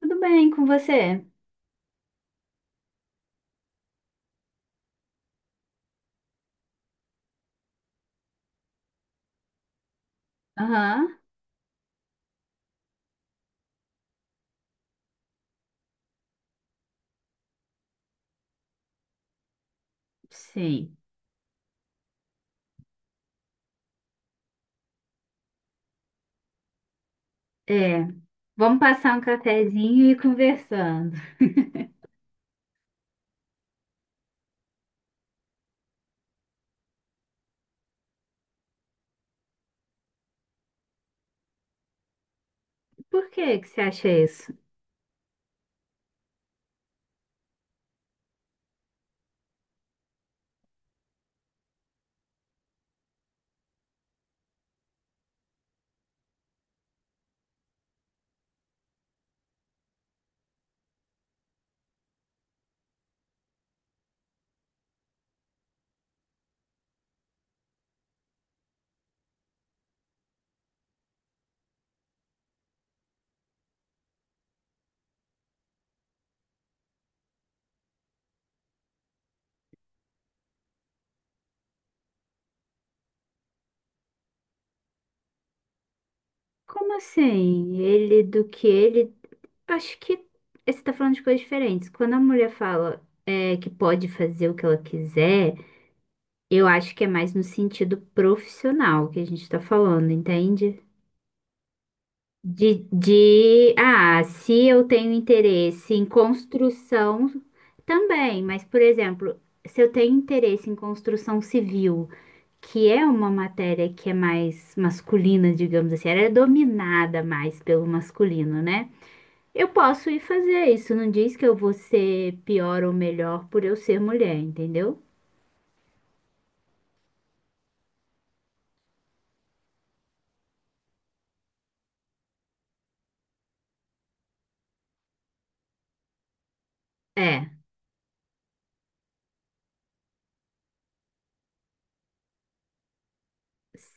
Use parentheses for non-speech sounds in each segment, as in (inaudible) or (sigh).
Tudo bem com você? Aham, sei. É, vamos passar um cafezinho e ir conversando. (laughs) Por que que você acha isso? Como assim? Ele do que ele? Acho que você está falando de coisas diferentes. Quando a mulher fala é, que pode fazer o que ela quiser, eu acho que é mais no sentido profissional que a gente está falando, entende? Se eu tenho interesse em construção também, mas, por exemplo, se eu tenho interesse em construção civil, que é uma matéria que é mais masculina, digamos assim, ela é dominada mais pelo masculino, né? Eu posso ir fazer isso, não diz que eu vou ser pior ou melhor por eu ser mulher, entendeu? É,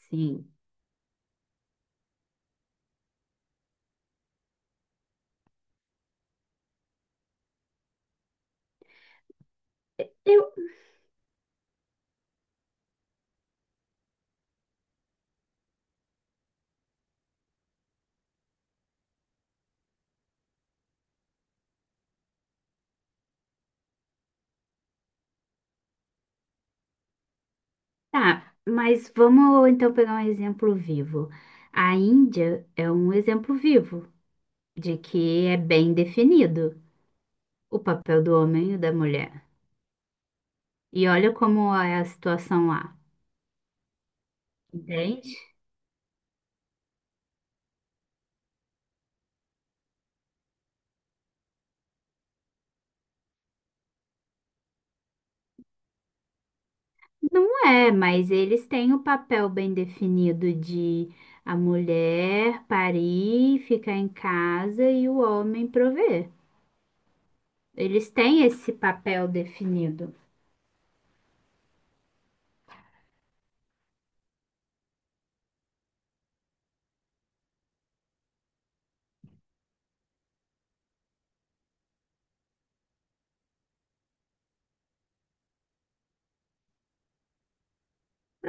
sim. Tá, mas vamos então pegar um exemplo vivo. A Índia é um exemplo vivo de que é bem definido o papel do homem e da mulher. E olha como é a situação lá, entende? Não é, mas eles têm o papel bem definido de a mulher parir, ficar em casa e o homem prover. Eles têm esse papel definido.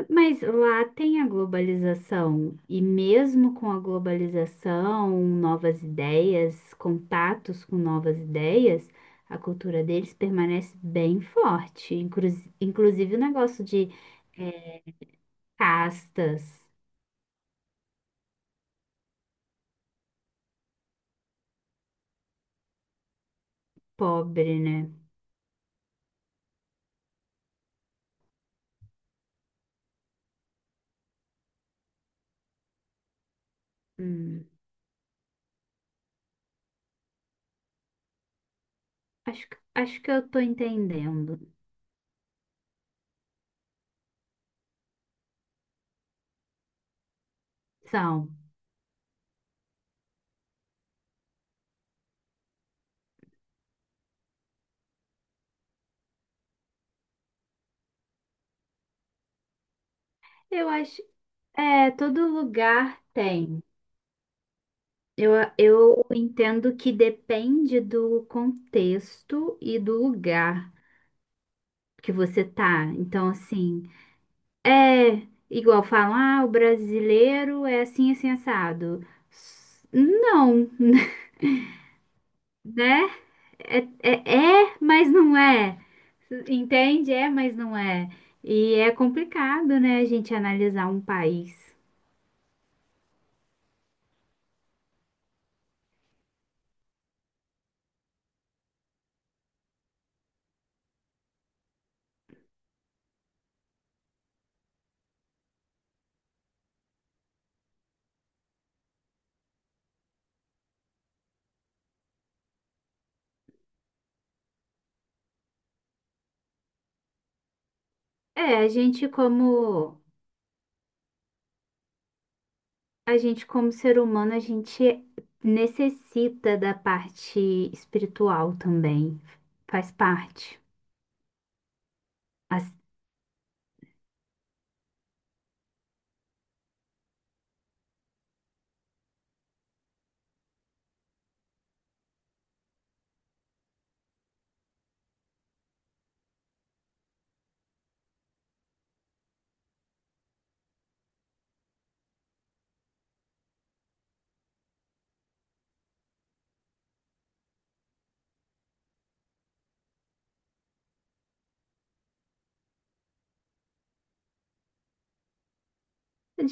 Mas lá tem a globalização, e mesmo com a globalização, novas ideias, contatos com novas ideias, a cultura deles permanece bem forte, inclusive o negócio de é, castas, pobre, né? Hum, acho que eu tô entendendo. São, eu acho, é, todo lugar tem. Eu, eu entendo que depende do contexto e do lugar, que você tá. Então, assim, é igual falam, ah, o brasileiro é assim, assim, assado. S- Não, né? É, mas não é. Entende? É, mas não é. E é complicado, né, a gente analisar um país. É, a gente como ser humano, a gente necessita da parte espiritual também. Faz parte. As-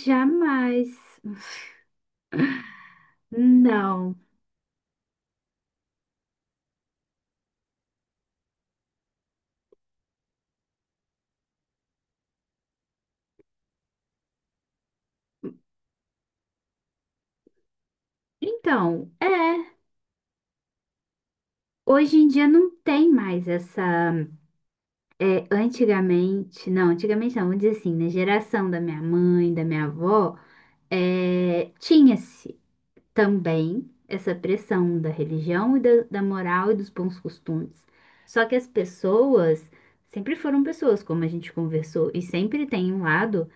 Jamais. Não. Então, é. Hoje em dia não tem mais essa. É, antigamente não, vamos dizer assim, na geração da minha mãe, da minha avó, é, tinha-se também essa pressão da religião e da moral e dos bons costumes. Só que as pessoas sempre foram pessoas, como a gente conversou, e sempre tem um lado.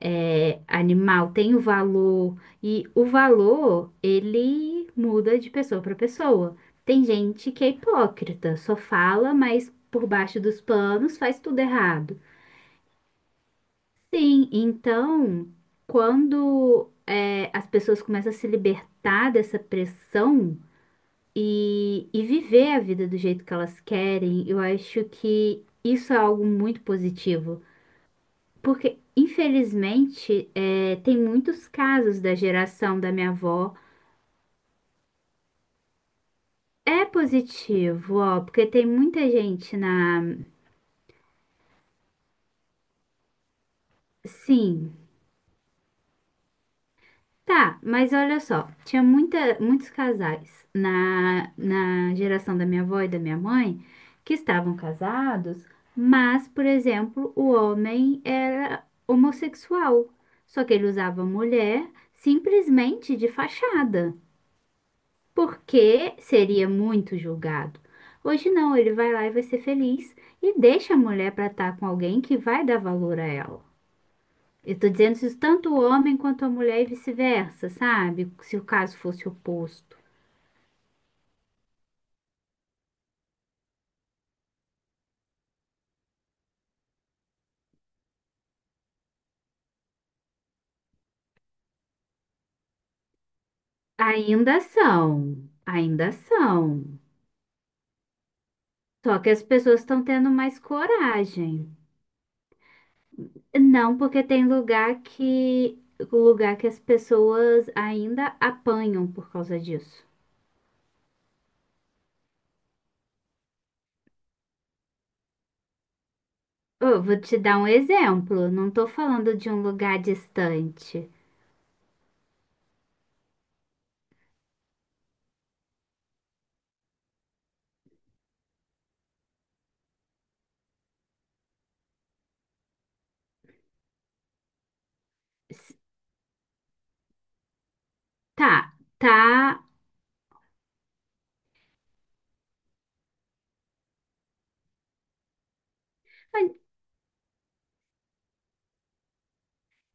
É, animal tem o valor e o valor ele muda de pessoa para pessoa. Tem gente que é hipócrita, só fala, mas por baixo dos panos faz tudo errado. Sim, então quando é, as pessoas começam a se libertar dessa pressão e viver a vida do jeito que elas querem, eu acho que isso é algo muito positivo. Porque, infelizmente, é, tem muitos casos da geração da minha avó. É positivo, ó, porque tem muita gente na. Sim, tá, mas olha só, tinha muitos casais na, na geração da minha avó e da minha mãe que estavam casados, mas, por exemplo, o homem era homossexual, só que ele usava mulher simplesmente de fachada, porque seria muito julgado. Hoje não, ele vai lá e vai ser feliz e deixa a mulher para estar com alguém que vai dar valor a ela. Eu tô dizendo isso tanto o homem quanto a mulher e vice-versa, sabe? Se o caso fosse oposto. Ainda são, ainda são. Só que as pessoas estão tendo mais coragem. Não, porque tem lugar que as pessoas ainda apanham por causa disso. Eu vou te dar um exemplo. Não tô falando de um lugar distante. S- Tá, tá. Ai,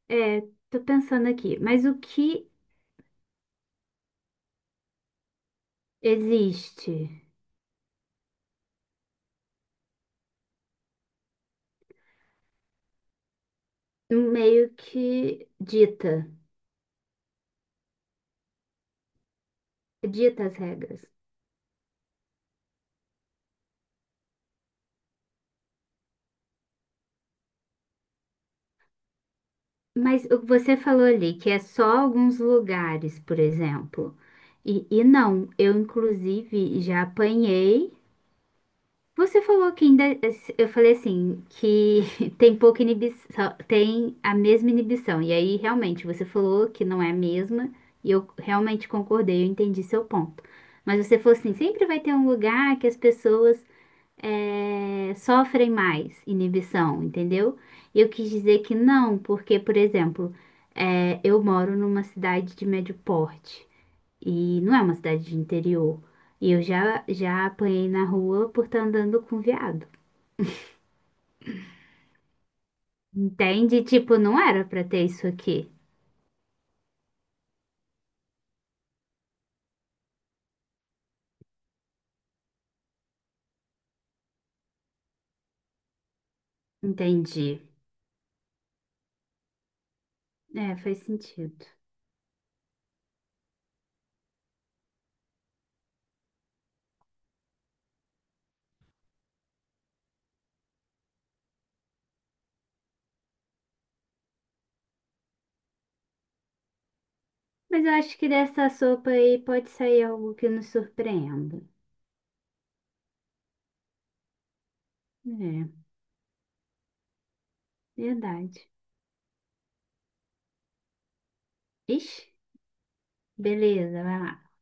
é, tô pensando aqui. Mas o que existe? Meio que dita, dita as regras. Mas o que você falou ali, que é só alguns lugares, por exemplo. E não, eu inclusive já apanhei. Você falou que ainda, eu falei assim, que (laughs) tem pouca inibição, tem a mesma inibição. E aí, realmente, você falou que não é a mesma, e eu realmente concordei, eu entendi seu ponto. Mas você falou assim, sempre vai ter um lugar que as pessoas sofrem mais inibição, entendeu? E eu quis dizer que não, porque, por exemplo, eu moro numa cidade de médio porte. E não é uma cidade de interior. E já apanhei na rua por estar andando com viado. Entende? Tipo, não era pra ter isso aqui. Entendi. É, faz sentido. Mas eu acho que dessa sopa aí pode sair algo que nos surpreenda. É, verdade. Ixi, beleza, vai lá.